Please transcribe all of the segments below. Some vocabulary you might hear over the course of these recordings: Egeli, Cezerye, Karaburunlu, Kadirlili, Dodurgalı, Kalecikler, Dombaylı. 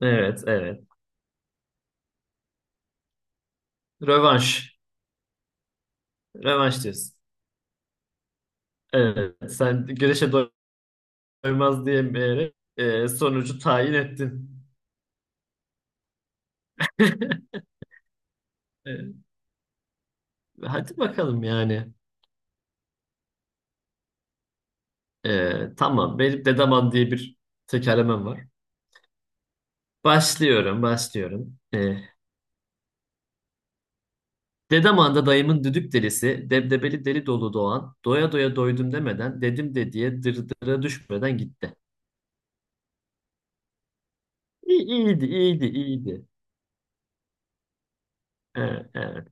Evet, evet. Rövanş. Rövanş diyorsun. Evet, sen güreşe doymaz diyemeyerek sonucu tayin ettin. E, Hadi bakalım yani. Tamam, benim Dedaman diye bir tekerlemem var. Başlıyorum. Dedaman'da dayımın düdük delisi, debdebeli deli dolu doğan, doya doya doydum demeden, dedim de diye dırdıra düşmeden gitti. İyi, iyiydi. E, e.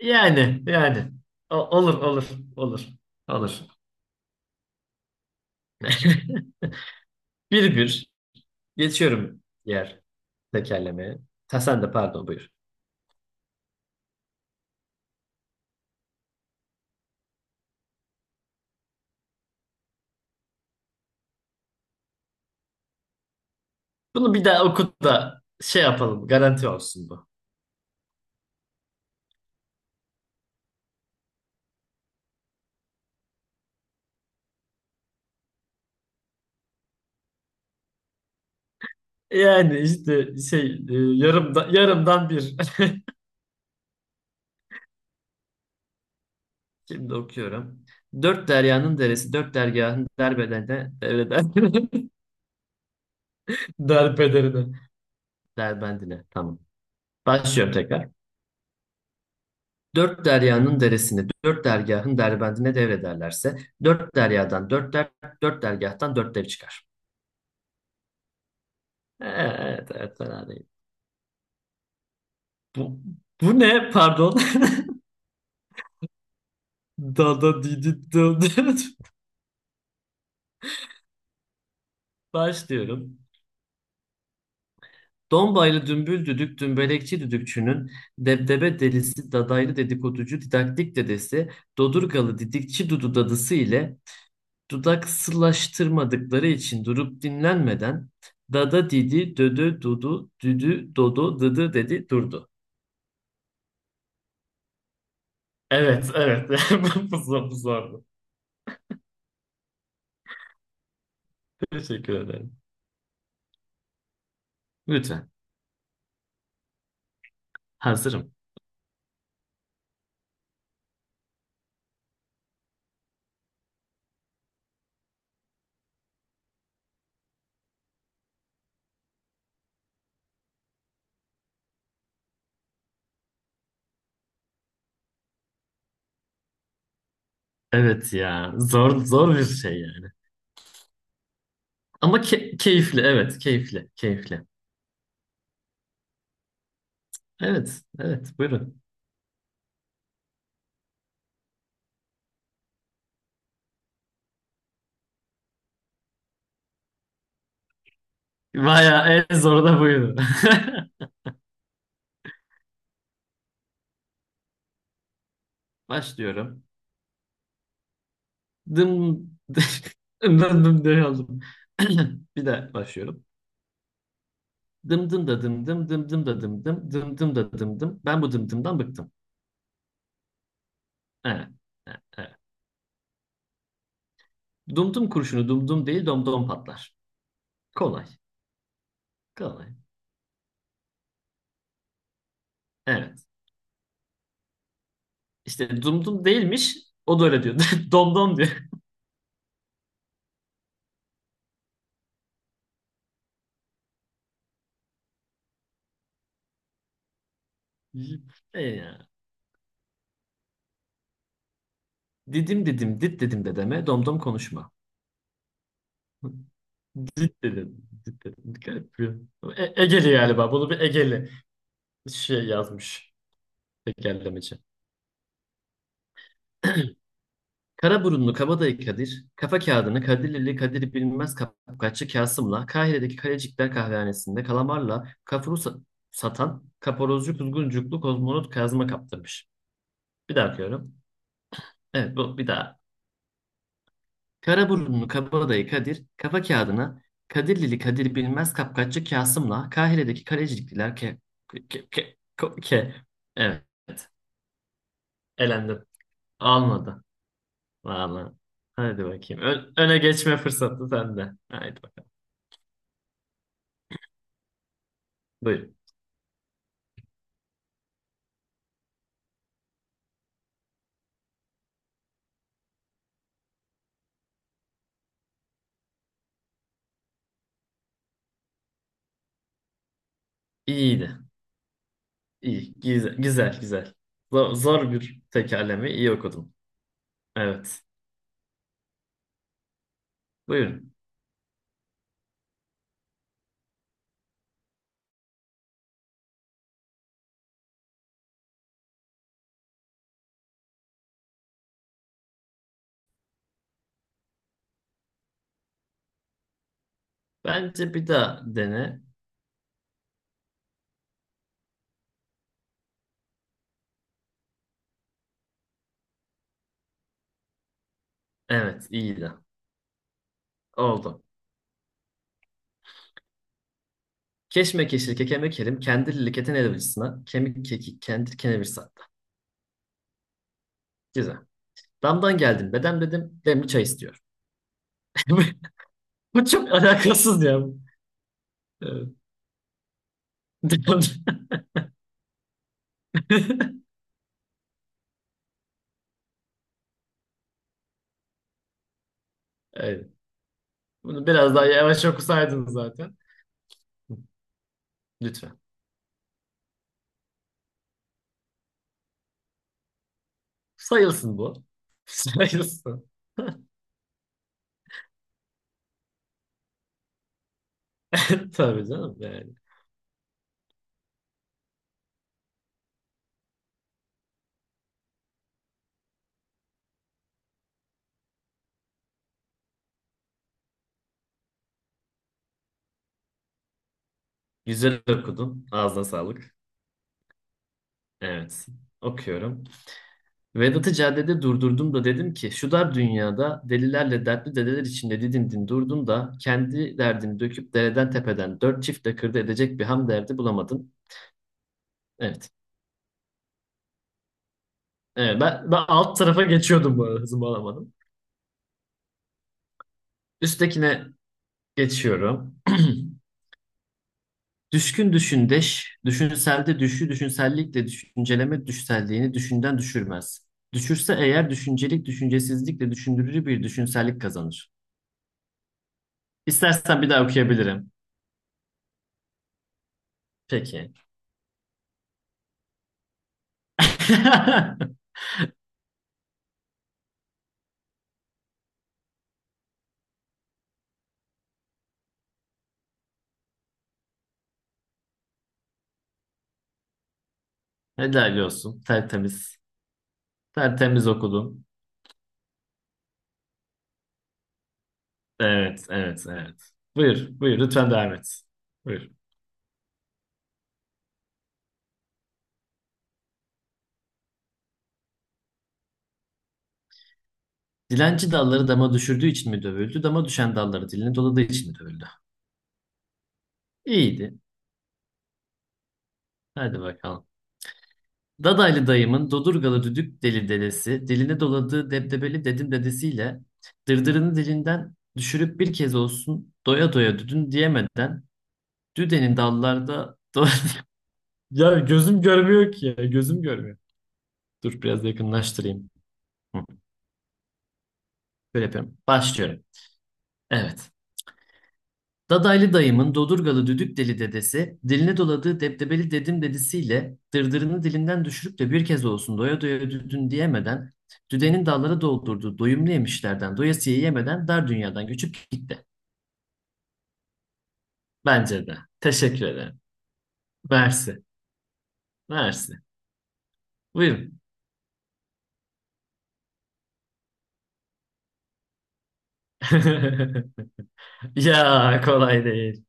yani O- olur olur olur olur. Bir bir geçiyorum diğer tekerlemeye. Ha, sen de pardon buyur. Bunu bir daha okut da şey yapalım, garanti olsun bu. Yani işte yarımdan bir. Şimdi okuyorum. Dört deryanın deresi, dört dergahın derbederine, derbendine. Tamam. Başlıyorum tekrar. Dört deryanın deresini, dört dergahın derbendine devrederlerse, dört deryadan dört der, dört dergahtan dört dev çıkar. Evet, evet, fena değil. Bu, bu ne? Pardon. Dada didi dada. Başlıyorum. Dombaylı dümbül düdük dümbelekçi düdükçünün debdebe delisi dadaylı dedikoducu didaktik dedesi, Dodurgalı didikçi dudu dadısı ile dudaksılaştırmadıkları için durup dinlenmeden dada didi dödö dudu düdü dodo dıdı dedi durdu. Evet, evet. Bu zor, bu zordu. Teşekkür ederim. Lütfen. Hazırım. Evet ya. Zor bir şey yani. Ama keyifli. Evet, keyifli. Keyifli. Evet, evet. Buyurun. Bayağı en zoru da buydu. Başlıyorum. Dım dım dım. Bir de başlıyorum. Dım dım da dım dım dım dım da dım dım dım dım da dım dım. Ben bu dım dımdan bıktım. Evet. Evet. Evet. Dum dum kurşunu dum dum değil dom dom patlar. Kolay. Kolay. Evet. İşte dum dum değilmiş. O da öyle diyor. Dom dom diyor. E ya. Didim didim dit dedim de deme. Dom dom konuşma. Dit dedim. Dit dedim. Garip bir. E Egeli galiba. Bunu bir Egeli şey yazmış. Tekerlemeci. Karaburunlu Kabadayı Kadir, kafa kağıdını Kadirlili Kadir bilmez Kapkaççı Kasım'la Kahire'deki Kalecikler Kahvehanesi'nde kalamarla kafuru satan kaparozcu kuzguncuklu kozmonot Kazım'a kaptırmış. Bir daha okuyorum. Evet bu bir daha. Karaburunlu Kabadayı Kadir, kafa kağıdını Kadirlili Kadir bilmez Kapkaççı Kasım'la Kahire'deki Kalecikliler ke... ke... ke... ko- ke- Evet. Elendim. Almadı. Vallahi. Hadi bakayım. Öne geçme fırsatı sende. Haydi bakalım. Buyurun. İyiydi. İyi. Güzel. Güzel. Güzel. Zor bir tekerleme. İyi okudum. Evet. Buyurun. Bence bir daha dene. Evet, iyiydi. Oldu. Keşmekeşli kekeme kerim kendirli keten elbacısına kemik kekik kendir kenevir sattı. Güzel. Damdan geldim bedem dedim demli çay istiyor. Bu çok alakasız ya. Evet. Evet. Bunu biraz daha yavaş okusaydınız zaten. Lütfen. Sayılsın bu. Sayılsın. Tabii canım yani. Güzel okudun. Ağzına sağlık. Evet. Okuyorum. Vedat'ı caddede durdurdum da dedim ki şu dar dünyada delilerle dertli dedeler içinde didindin durdun da kendi derdini döküp dereden tepeden dört çiftle kırdı edecek bir ham derdi bulamadın. Evet. Evet ben alt tarafa geçiyordum, bu arada hızımı alamadım. Üsttekine geçiyorum. Düşkün düşündeş, düşünselde düşü, düşünsellikle düşünceleme düşselliğini düşünden düşürmez. Düşürse eğer düşüncelik düşüncesizlikle düşündürücü bir düşünsellik kazanır. İstersen bir daha okuyabilirim. Peki. Helal olsun. Tertemiz. Tertemiz okudun. Evet. Buyur. Lütfen devam et. Buyur. Dilenci dalları dama düşürdüğü için mi dövüldü? Dama düşen dalları diline doladığı için mi dövüldü? İyiydi. Hadi bakalım. Dadaylı dayımın Dodurgalı düdük deli dedesi, diline doladığı debdebeli dedim dedesiyle dırdırını dilinden düşürüp bir kez olsun doya doya düdün diyemeden düdenin dallarda Ya gözüm görmüyor ki ya, gözüm görmüyor. Dur biraz yakınlaştırayım. Hı, Böyle yapıyorum. Başlıyorum. Evet. Dadaylı dayımın Dodurgalı düdük deli dedesi, diline doladığı debdebeli dedim dedisiyle dırdırını dilinden düşürüp de bir kez olsun doya doya düdün diyemeden, düdenin dallara doldurduğu doyumlu yemişlerden doyasıya yemeden dar dünyadan göçüp gitti. Bence de. Teşekkür ederim. Mersi. Mersi. Buyurun. Ya kolay değil.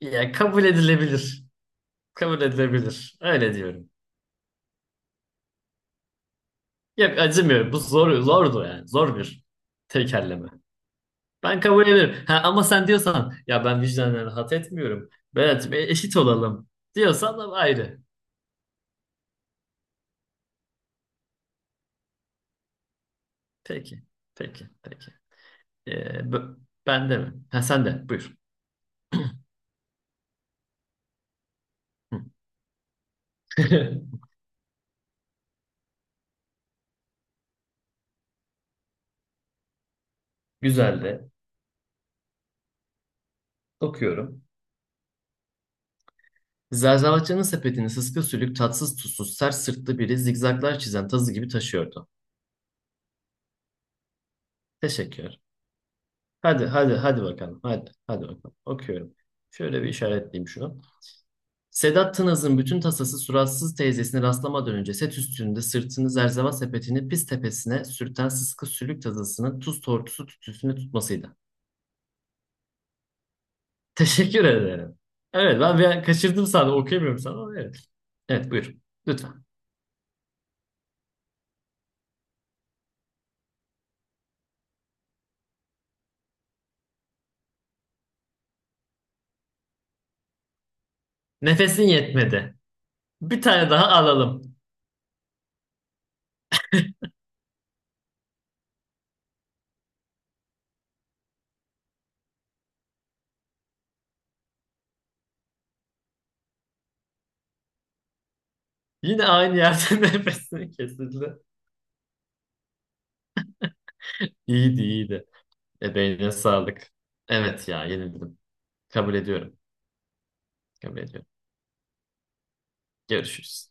Ya kabul edilebilir. Kabul edilebilir. Öyle diyorum. Yok acımıyorum. Bu zor, zordu yani. Zor bir tekerleme. Ben kabul ederim. Ha, ama sen diyorsan ya ben vicdanen rahat etmiyorum. Berat'cığım eşit olalım diyorsan da ayrı. Peki. Peki. Peki. Ee, b- ben de mi? Ha, sen de. Buyur. Hı. Güzel de. Okuyorum. Zerzavatçının sepetini sıska sülük, tatsız tuzsuz, sert sırtlı biri zigzaglar çizen tazı gibi taşıyordu. Teşekkür. Hadi bakalım. Hadi bakalım. Okuyorum. Şöyle bir işaretleyeyim şunu. Sedat Tınaz'ın bütün tasası suratsız teyzesini rastlamadan önce set üstünde sırtını zerzeval sepetini pis tepesine sürten sıska sülük tazasının tuz tortusu tütüsüne tutmasıydı. Teşekkür ederim. Evet ben bir an kaçırdım, sana okuyamıyorum sana ama evet. Evet buyur lütfen. Nefesin yetmedi. Bir tane daha alalım. Yine aynı yerde nefesini kesildi. İyiydi, iyiydi. Ebeğine sağlık. Evet ya yenildim. Kabul ediyorum. Kabul ediyorum. Görüşürüz.